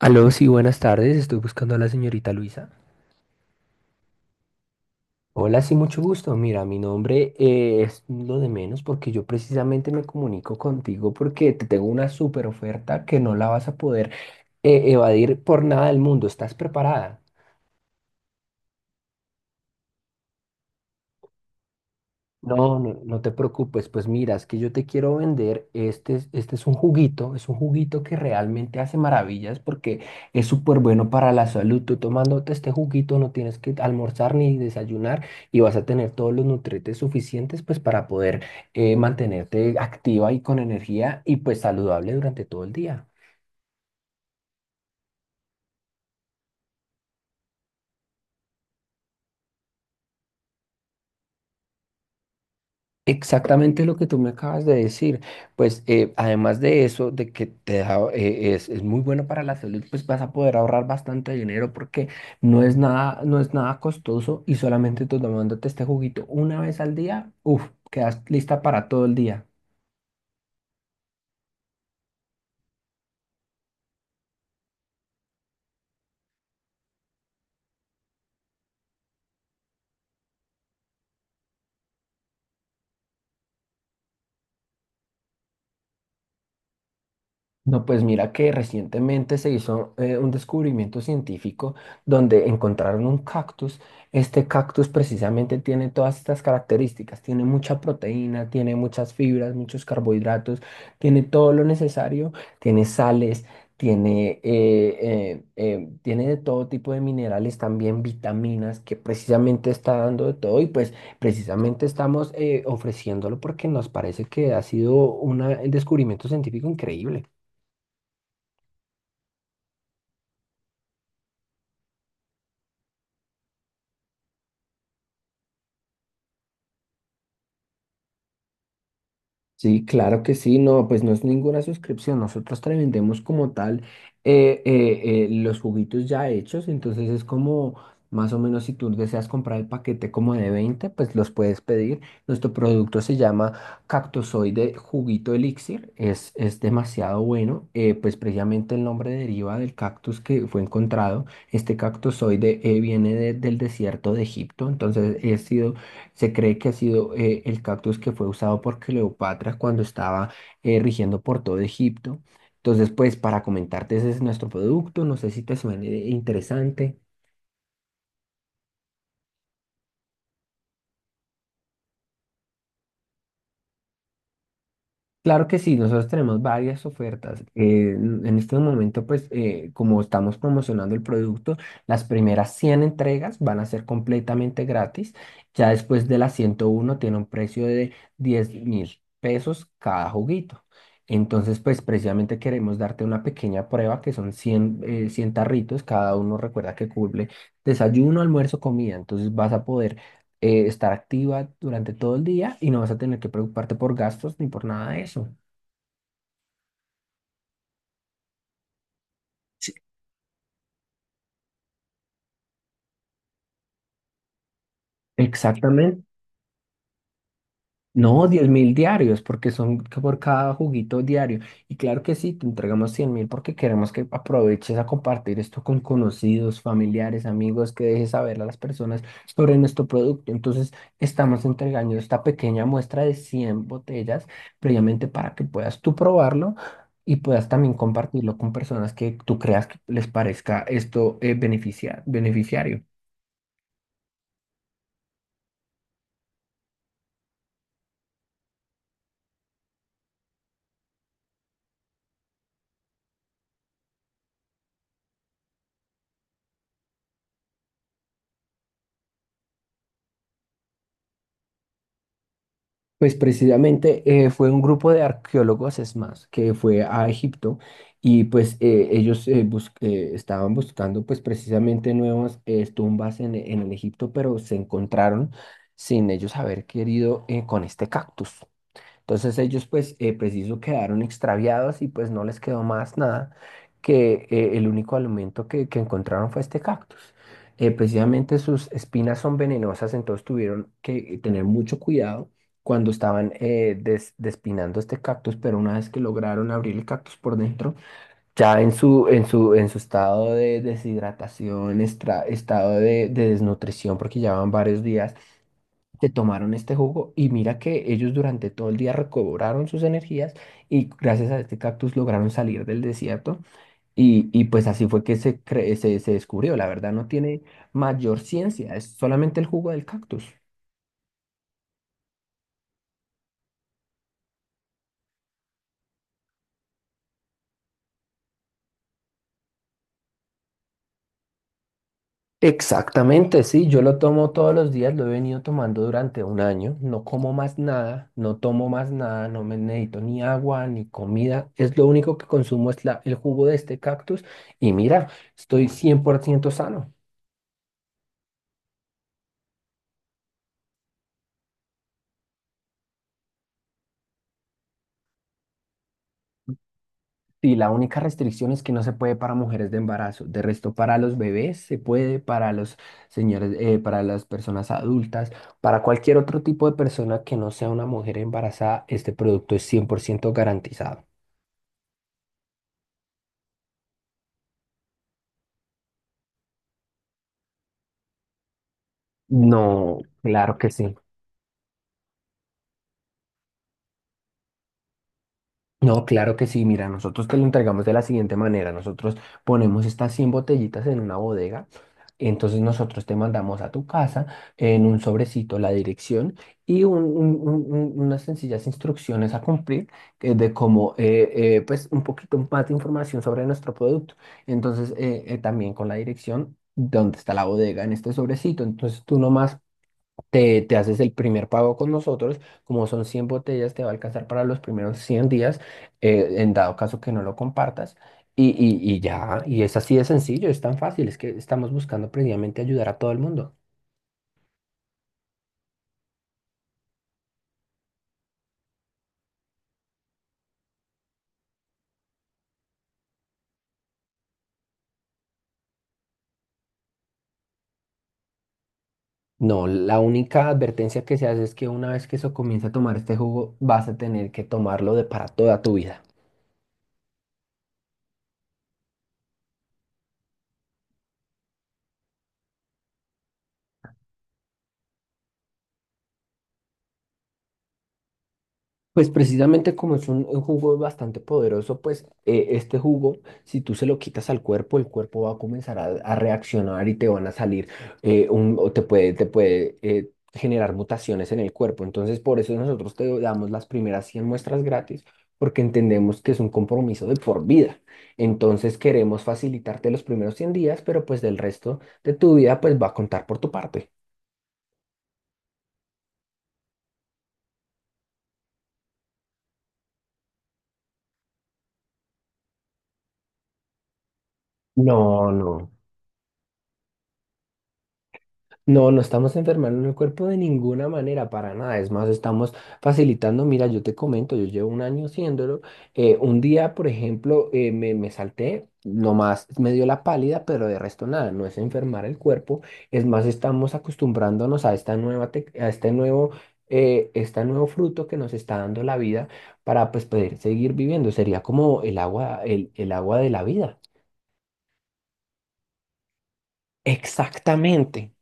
Aló, sí, buenas tardes. Estoy buscando a la señorita Luisa. Hola, sí, mucho gusto. Mira, mi nombre es lo de menos, porque yo precisamente me comunico contigo porque te tengo una super oferta que no la vas a poder evadir por nada del mundo. ¿Estás preparada? No, no, no te preocupes, pues mira, es que yo te quiero vender, este, este es un juguito que realmente hace maravillas porque es súper bueno para la salud. Tú tomándote este juguito no tienes que almorzar ni desayunar, y vas a tener todos los nutrientes suficientes pues para poder mantenerte activa y con energía y pues saludable durante todo el día. Exactamente lo que tú me acabas de decir. Pues además de eso, de que te da, es muy bueno para la salud, pues vas a poder ahorrar bastante dinero porque no es nada, no es nada costoso, y solamente tú tomándote este juguito una vez al día, uff, quedas lista para todo el día. No, pues mira que recientemente se hizo un descubrimiento científico donde encontraron un cactus. Este cactus precisamente tiene todas estas características. Tiene mucha proteína, tiene muchas fibras, muchos carbohidratos, tiene todo lo necesario, tiene sales, tiene, tiene de todo tipo de minerales, también vitaminas, que precisamente está dando de todo. Y pues precisamente estamos ofreciéndolo porque nos parece que ha sido un descubrimiento científico increíble. Sí, claro que sí, no, pues no es ninguna suscripción, nosotros te vendemos como tal los juguitos ya hechos, entonces es como más o menos, si tú deseas comprar el paquete como de 20, pues los puedes pedir. Nuestro producto se llama Cactozoide Juguito Elixir, es demasiado bueno, pues precisamente el nombre deriva del cactus que fue encontrado. Este cactozoide viene del desierto de Egipto, entonces ha sido, se cree que ha sido el cactus que fue usado por Cleopatra cuando estaba rigiendo por todo Egipto. Entonces, pues para comentarte, ese es nuestro producto. No sé si te suene interesante. Claro que sí, nosotros tenemos varias ofertas. En este momento, pues, como estamos promocionando el producto, las primeras 100 entregas van a ser completamente gratis. Ya después de las 101 tiene un precio de 10 mil pesos cada juguito. Entonces, pues, precisamente queremos darte una pequeña prueba que son 100 100 tarritos. Cada uno recuerda que cubre desayuno, almuerzo, comida. Entonces, vas a poder estar activa durante todo el día y no vas a tener que preocuparte por gastos ni por nada de eso. Exactamente. No, 10 mil diarios, porque son por cada juguito diario. Y claro que sí, te entregamos 100 mil porque queremos que aproveches a compartir esto con conocidos, familiares, amigos, que dejes saber a las personas sobre nuestro producto. Entonces, estamos entregando esta pequeña muestra de 100 botellas previamente para que puedas tú probarlo y puedas también compartirlo con personas que tú creas que les parezca esto beneficiario. Pues precisamente fue un grupo de arqueólogos, es más, que fue a Egipto, y pues estaban buscando pues precisamente nuevas tumbas en el Egipto, pero se encontraron sin ellos haber querido, con este cactus. Entonces ellos pues preciso quedaron extraviados y pues no les quedó más nada que el único alimento que encontraron fue este cactus. Precisamente sus espinas son venenosas, entonces tuvieron que tener mucho cuidado cuando estaban despinando este cactus, pero una vez que lograron abrir el cactus por dentro, ya en su, en su, en su estado de deshidratación, estado de desnutrición, porque llevaban varios días, se tomaron este jugo y mira que ellos durante todo el día recobraron sus energías, y gracias a este cactus lograron salir del desierto, y pues así fue que se descubrió. La verdad no tiene mayor ciencia, es solamente el jugo del cactus. Exactamente, sí, yo lo tomo todos los días, lo he venido tomando durante un año, no como más nada, no tomo más nada, no me necesito ni agua ni comida, es lo único que consumo, es la, el jugo de este cactus y mira, estoy 100% sano. Y la única restricción es que no se puede para mujeres de embarazo. De resto, para los bebés se puede, para los señores, para las personas adultas, para cualquier otro tipo de persona que no sea una mujer embarazada, este producto es 100% garantizado. No, claro que sí. No, claro que sí. Mira, nosotros te lo entregamos de la siguiente manera. Nosotros ponemos estas 100 botellitas en una bodega. Entonces nosotros te mandamos a tu casa en un sobrecito la dirección y unas sencillas instrucciones a cumplir, eh, de cómo, eh, pues un poquito más de información sobre nuestro producto. Entonces también con la dirección, dónde está la bodega en este sobrecito. Entonces tú nomás te haces el primer pago con nosotros, como son 100 botellas, te va a alcanzar para los primeros 100 días, en dado caso que no lo compartas, y ya, y es así de sencillo, es tan fácil, es que estamos buscando precisamente ayudar a todo el mundo. No, la única advertencia que se hace es que una vez que eso comience a tomar este jugo, vas a tener que tomarlo de para toda tu vida. Pues precisamente como es un jugo bastante poderoso, pues este jugo, si tú se lo quitas al cuerpo, el cuerpo va a comenzar a reaccionar y te van a salir, te puede generar mutaciones en el cuerpo. Entonces, por eso nosotros te damos las primeras 100 muestras gratis, porque entendemos que es un compromiso de por vida. Entonces, queremos facilitarte los primeros 100 días, pero pues del resto de tu vida, pues va a contar por tu parte. No, no. No, no estamos enfermando el cuerpo de ninguna manera, para nada. Es más, estamos facilitando. Mira, yo te comento, yo llevo un año haciéndolo. Un día, por ejemplo, me salté, nomás me dio la pálida, pero de resto nada, no es enfermar el cuerpo. Es más, estamos acostumbrándonos a esta a este nuevo fruto que nos está dando la vida para, pues, poder seguir viviendo. Sería como el agua, el agua de la vida. Exactamente.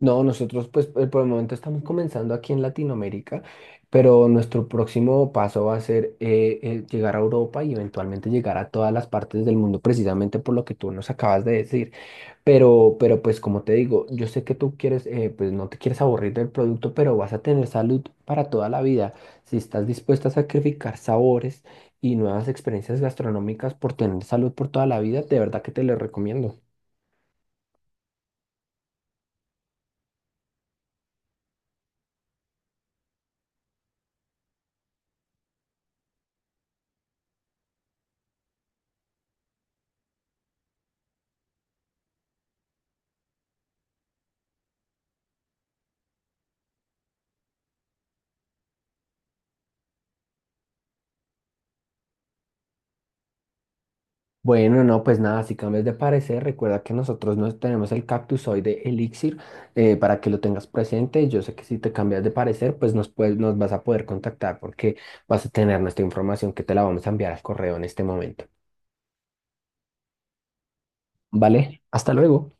No, nosotros pues por el momento estamos comenzando aquí en Latinoamérica, pero nuestro próximo paso va a ser llegar a Europa y eventualmente llegar a todas las partes del mundo, precisamente por lo que tú nos acabas de decir. Pero pues como te digo, yo sé que tú quieres, pues no te quieres aburrir del producto, pero vas a tener salud para toda la vida. Si estás dispuesta a sacrificar sabores y nuevas experiencias gastronómicas por tener salud por toda la vida, de verdad que te lo recomiendo. Bueno, no, pues nada, si cambias de parecer, recuerda que nosotros no tenemos el cactus hoy de Elixir, para que lo tengas presente. Yo sé que si te cambias de parecer, pues nos vas a poder contactar porque vas a tener nuestra información, que te la vamos a enviar al correo en este momento. ¿Vale? Hasta luego.